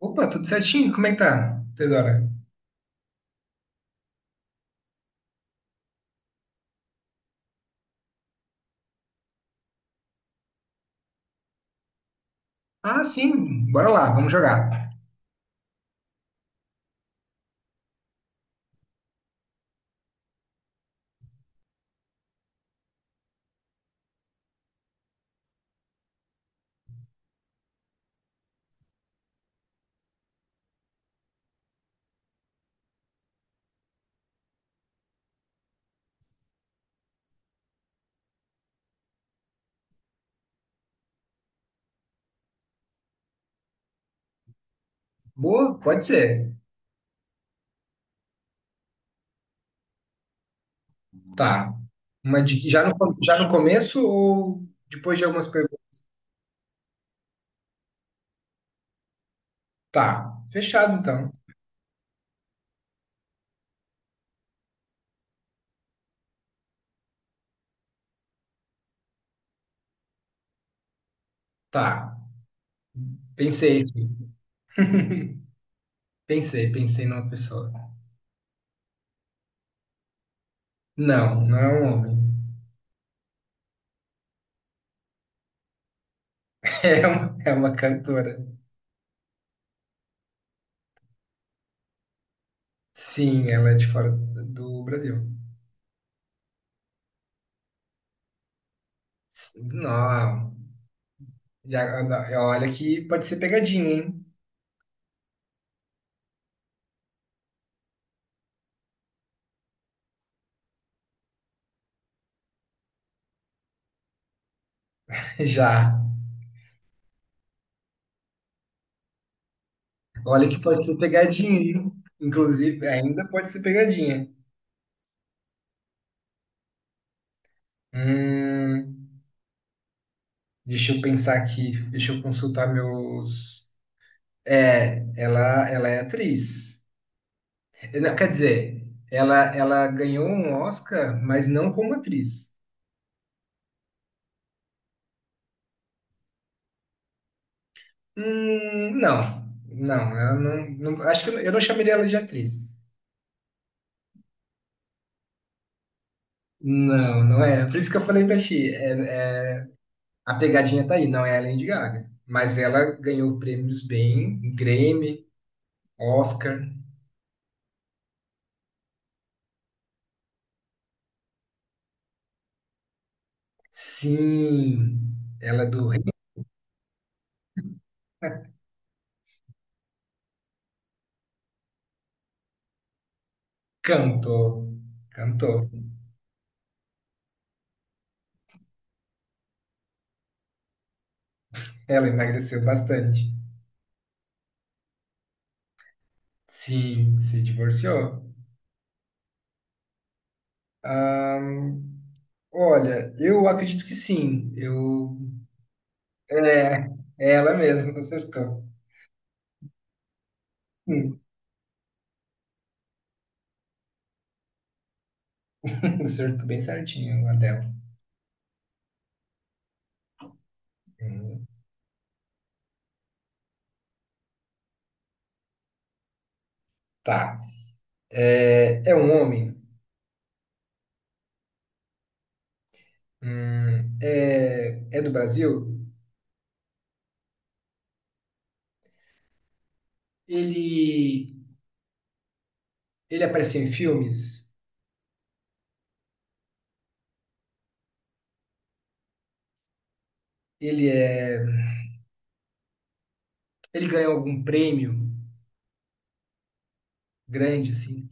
Opa, tudo certinho? Como é que tá, Teodora? Ah, sim, bora lá, vamos jogar. Boa, pode ser. Tá. Uma já no, já no começo ou depois de algumas perguntas? Tá, fechado então. Tá, pensei aqui. Pensei numa pessoa. Não, não é um homem. É uma cantora. Sim, ela é de fora do Brasil. Não, já, olha que pode ser pegadinha, hein? Já. Olha que pode ser pegadinha, hein? Inclusive, ainda pode ser pegadinha. Hum, deixa eu pensar aqui, deixa eu consultar meus. É, ela é atriz. Não, quer dizer, ela ganhou um Oscar, mas não como atriz. Não, não, acho que eu não, eu não chamaria ela de atriz. Não, não é. Por isso que eu falei pra ti. A pegadinha tá aí, não é a Lady Gaga. Mas ela ganhou prêmios bem, Grammy. Oscar. Sim, ela é do Recanto. Cantou. Ela emagreceu bastante. Sim, se divorciou. Ahn, olha, eu acredito que sim. Eu. É, é ela mesma, acertou. Hum, acertou bem certinho a dela. Hum, tá. É, é um homem. É, é do Brasil. Ele, ele apareceu em filmes. Ele ele ganhou algum prêmio grande, assim?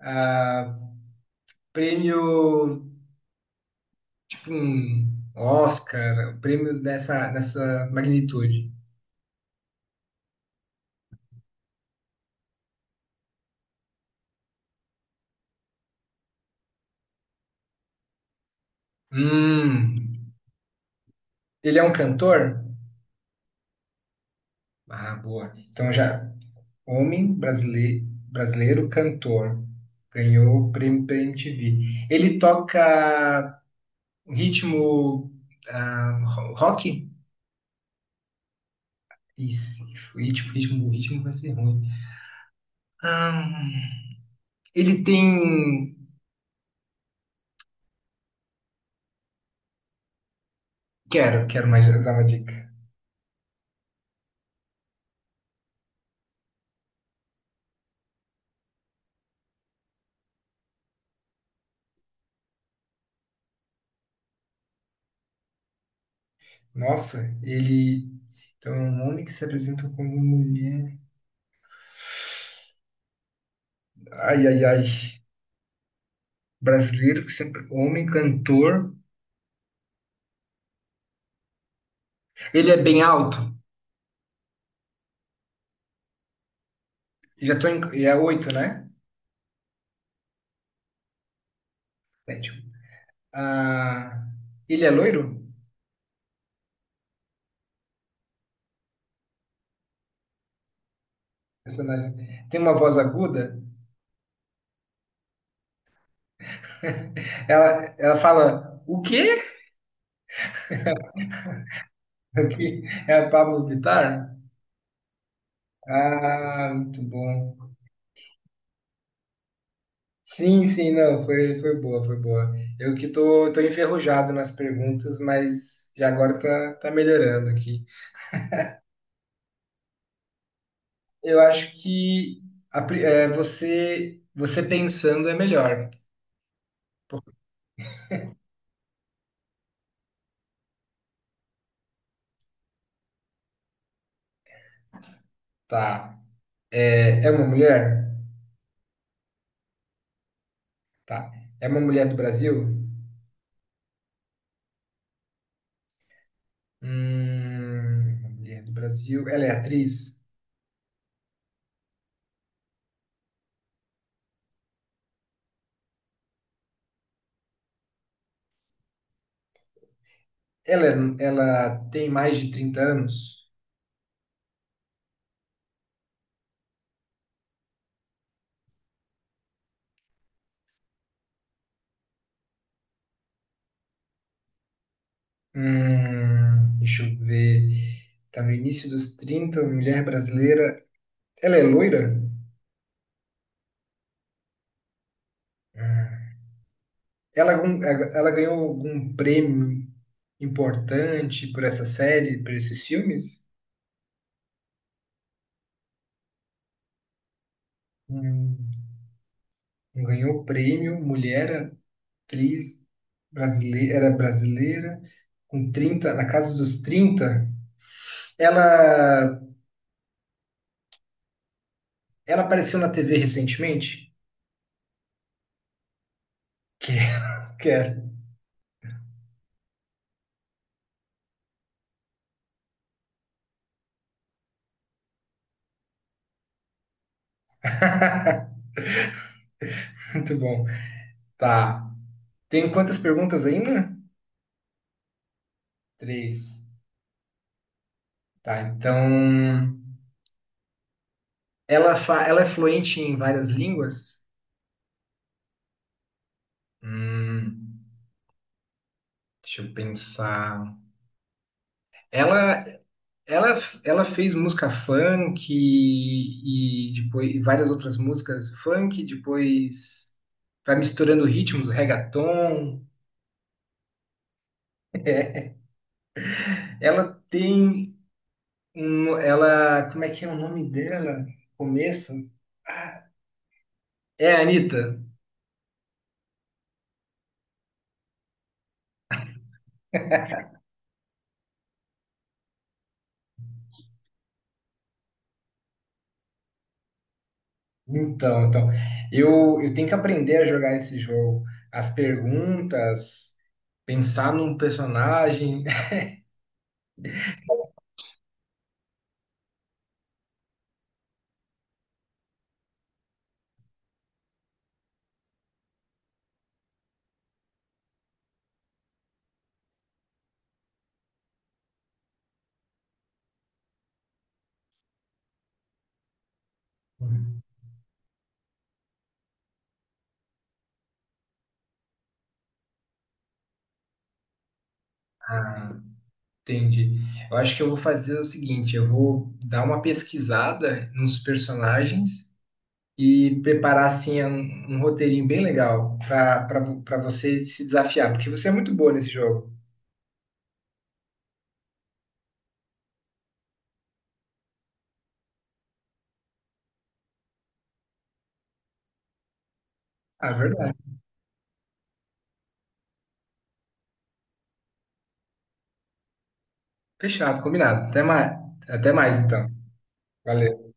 Ah, prêmio, hum, Oscar, prêmio dessa, dessa magnitude. Hum, ele é um cantor? Ah, boa. Então já, homem brasileiro, brasileiro cantor. Ganhou o prêmio pela MTV. Ele toca ritmo rock? Isso, ritmo, ritmo, ritmo vai ser ruim. Ah, ele tem. Quero, quero mais usar uma dica. Nossa, ele. Então, é um homem que se apresenta como mulher. Ai, ai, ai. Brasileiro que sempre. Homem cantor. Ele é bem alto. Já tô em. É oito, né? Sete. Ah, ele é loiro? Personagem. Tem uma voz aguda? Ela fala. O quê? Aqui é a Pablo Vittar? Ah, muito bom. Sim, sim, não, foi, foi boa, foi boa. Eu que tô enferrujado nas perguntas, mas já agora tá, tá melhorando aqui. Eu acho que é, você pensando é melhor. Tá. É, é uma mulher? Tá. É uma mulher do Brasil? Uma mulher do Brasil. Ela é atriz? Ela, ela tem mais de 30 anos? Deixa eu ver. Tá no início dos trinta, mulher brasileira. Ela é loira? Ah. Ela, ela ganhou algum prêmio importante por essa série, por esses filmes? Hum, ganhou prêmio, mulher, atriz, brasileira, era brasileira, com trinta, na casa dos trinta. Ela, ela apareceu na TV recentemente? Quero, quero. Muito bom. Tá. Tem quantas perguntas ainda? Três. Tá, então. Ela, ela é fluente em várias línguas? Hum, deixa eu pensar. Ela, ela, ela fez música funk e depois e várias outras músicas funk, depois vai misturando ritmos, reggaeton. Ela tem um, ela, como é que é o nome dela? Começa? É a Anitta. Então, então, eu tenho que aprender a jogar esse jogo. As perguntas, pensar num personagem. Ah, entendi. Eu acho que eu vou fazer o seguinte, eu vou dar uma pesquisada nos personagens e preparar assim um, um roteirinho bem legal para você se desafiar, porque você é muito boa nesse jogo. Ah, verdade. Fechado, combinado. Até mais então. Valeu.